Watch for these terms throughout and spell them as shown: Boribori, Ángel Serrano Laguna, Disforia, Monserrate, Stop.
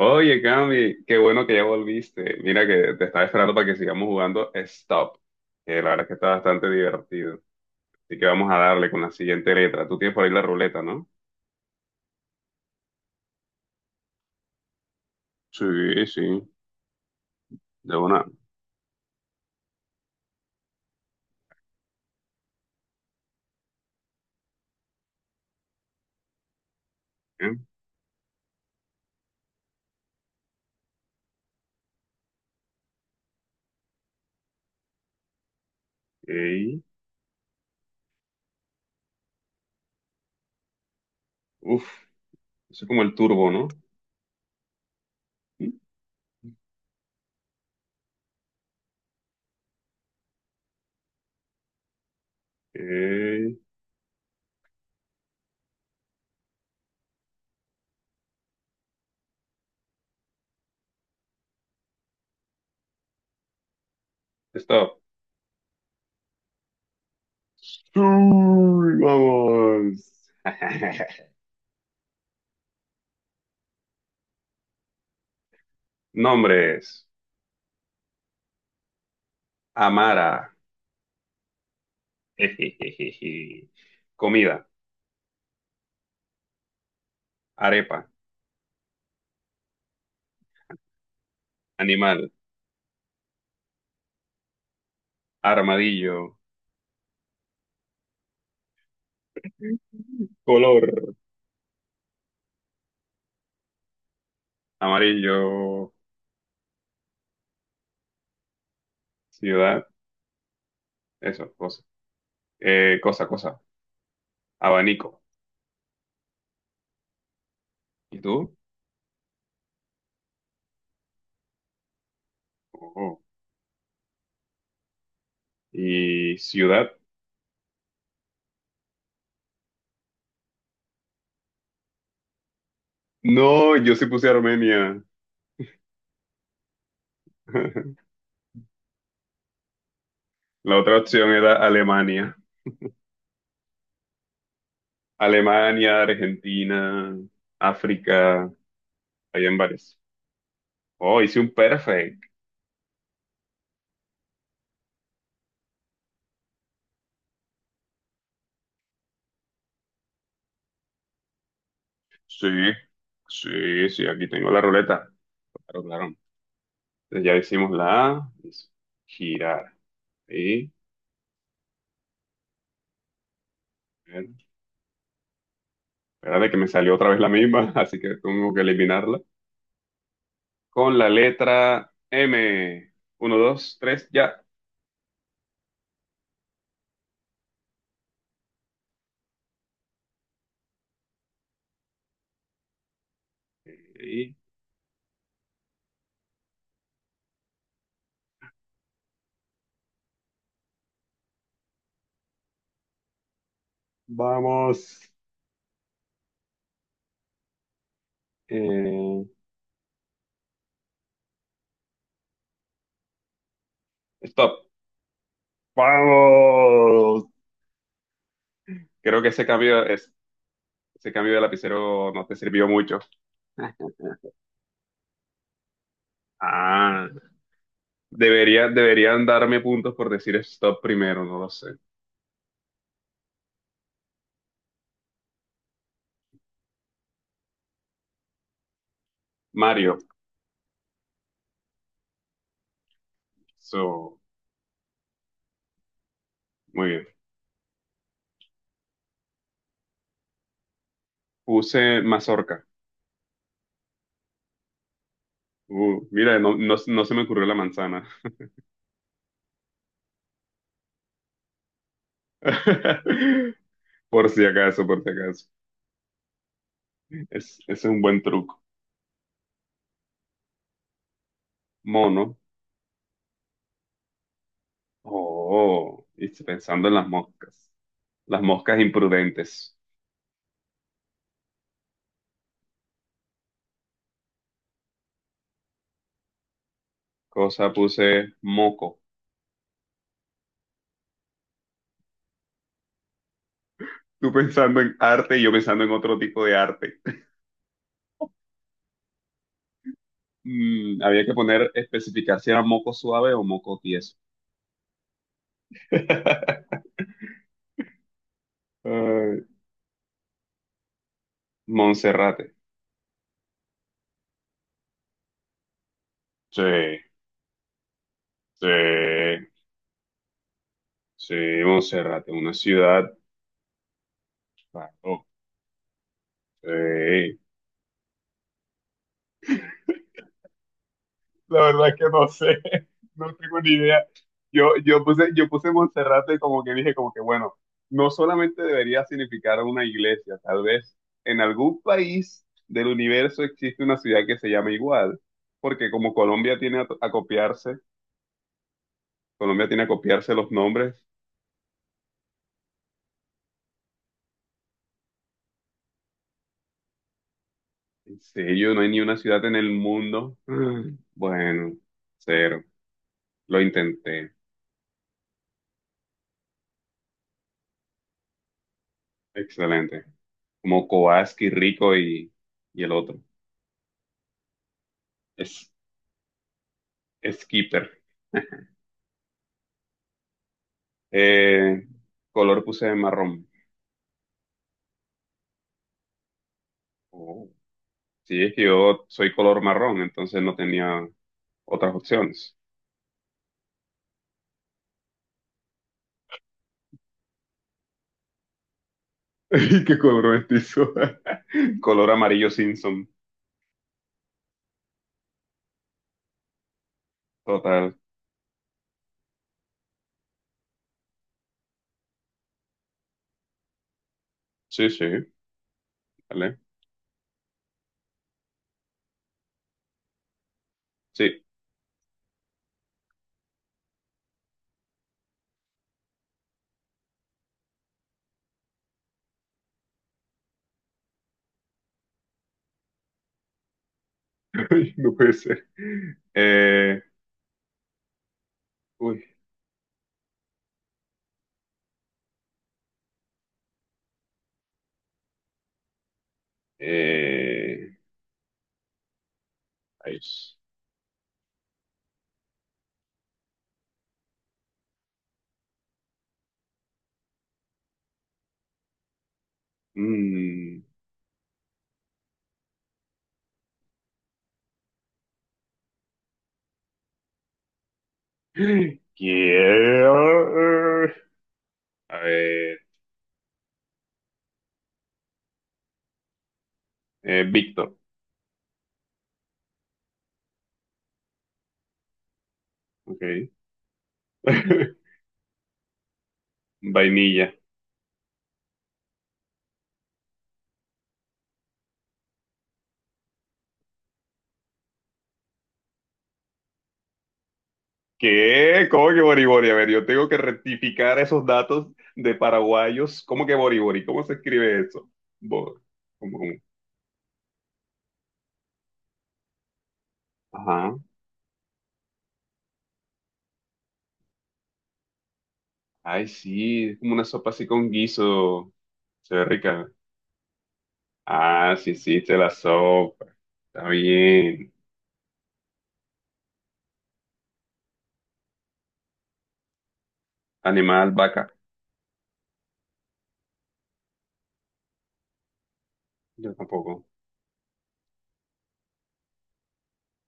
Oye, Cami, qué bueno que ya volviste. Mira que te estaba esperando para que sigamos jugando Stop, que la verdad es que está bastante divertido. Así que vamos a darle con la siguiente letra. Tú tienes por ahí la ruleta, ¿no? Sí, sí, de una. ¿Eh? Ok. Uf, eso es como el turbo, ¿no? Ok. Stop. Uy, vamos. Nombres. Amara. Comida. Arepa. Animal. Armadillo. Color amarillo, ciudad, eso, cosa. Cosa, cosa. Abanico. ¿Y tú? Oh. ¿Y ciudad? No, yo sí puse Armenia. La otra opción era Alemania. Alemania, Argentina, África, hay en varios. Oh, hice un perfect. Sí, sí, sí, aquí tengo la ruleta. Claro, claro. Entonces ya hicimos la A, es girar. Sí, espera de que me salió otra vez la misma, así que tengo que eliminarla. Con la letra M. Uno, dos, tres, ya. Y vamos. Eh, stop. ¡Vamos! Creo que ese cambio de lapicero no te sirvió mucho. Ah, deberían darme puntos por decir stop primero, no lo sé. Mario, so, muy bien. Puse mazorca. Mira, no, no, no se me ocurrió la manzana. Por si acaso, por si acaso. Es un buen truco. Mono. Oh, y pensando en las moscas. Las moscas imprudentes. Cosa puse moco. Tú pensando en arte y yo pensando en otro tipo de arte. Había que especificar si era moco suave o moco tieso. Ay, Monserrate. Sí, sí, sí, Monserrate, una ciudad. Claro, sí. La verdad es que no sé, no tengo ni idea. Yo puse Monserrate como que dije, como que bueno, no solamente debería significar una iglesia, tal vez en algún país del universo existe una ciudad que se llama igual, porque como Colombia tiene a copiarse, los nombres, en serio, no hay ni una ciudad en el mundo. Bueno, cero, lo intenté, excelente, como Kobaski, Rico y el otro, es Skipper. Eh, color puse marrón. Oh. Sí, es que yo soy color marrón, entonces no tenía otras opciones. ¿Y qué color mestizo? Color amarillo Simpson. Total. Sí, sí, vale. Sí, ay, no puede ser. Eh, uy. Eh, ahí es. Mm. Quiero- eh, A ver. Víctor. Ok. Vainilla. ¿Qué? ¿Cómo que Boribori? A ver, yo tengo que rectificar esos datos de paraguayos. ¿Cómo que Boribori? ¿Cómo se escribe eso? Bo- ¿Cómo, cómo? Ajá. Ay, sí, es como una sopa así con guiso. Se ve rica. Ah, sí, sí, te la sopa. Está bien. Animal, vaca. Yo tampoco.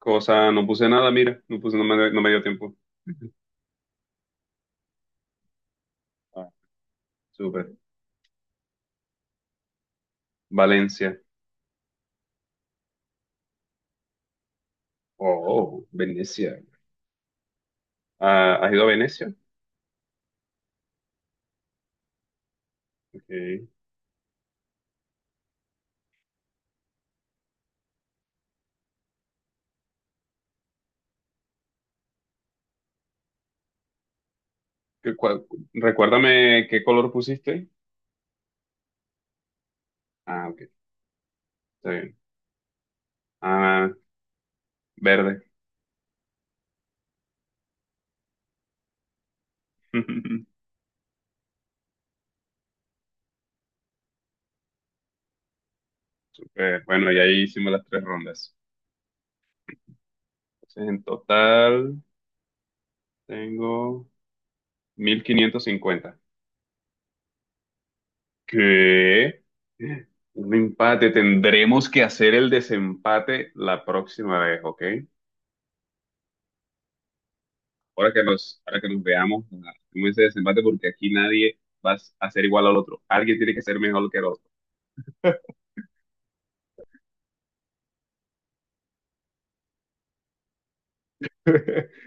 Cosa, no puse nada, mira. No puse, no me dio tiempo. Ah, súper. Valencia. Oh, Venecia. Ah, ¿has ido a Venecia? Ok. ¿Qué cua- Recuérdame qué color pusiste. Ah, ok, está bien. Ah, verde. Super. Bueno, y ahí hicimos las tres rondas. Entonces, en total tengo 1550. ¿Qué? Un empate. Tendremos que hacer el desempate la próxima vez, ¿ok? Ahora que nos veamos, hacemos ese desempate porque aquí nadie va a ser igual al otro. Alguien tiene que ser mejor que el otro.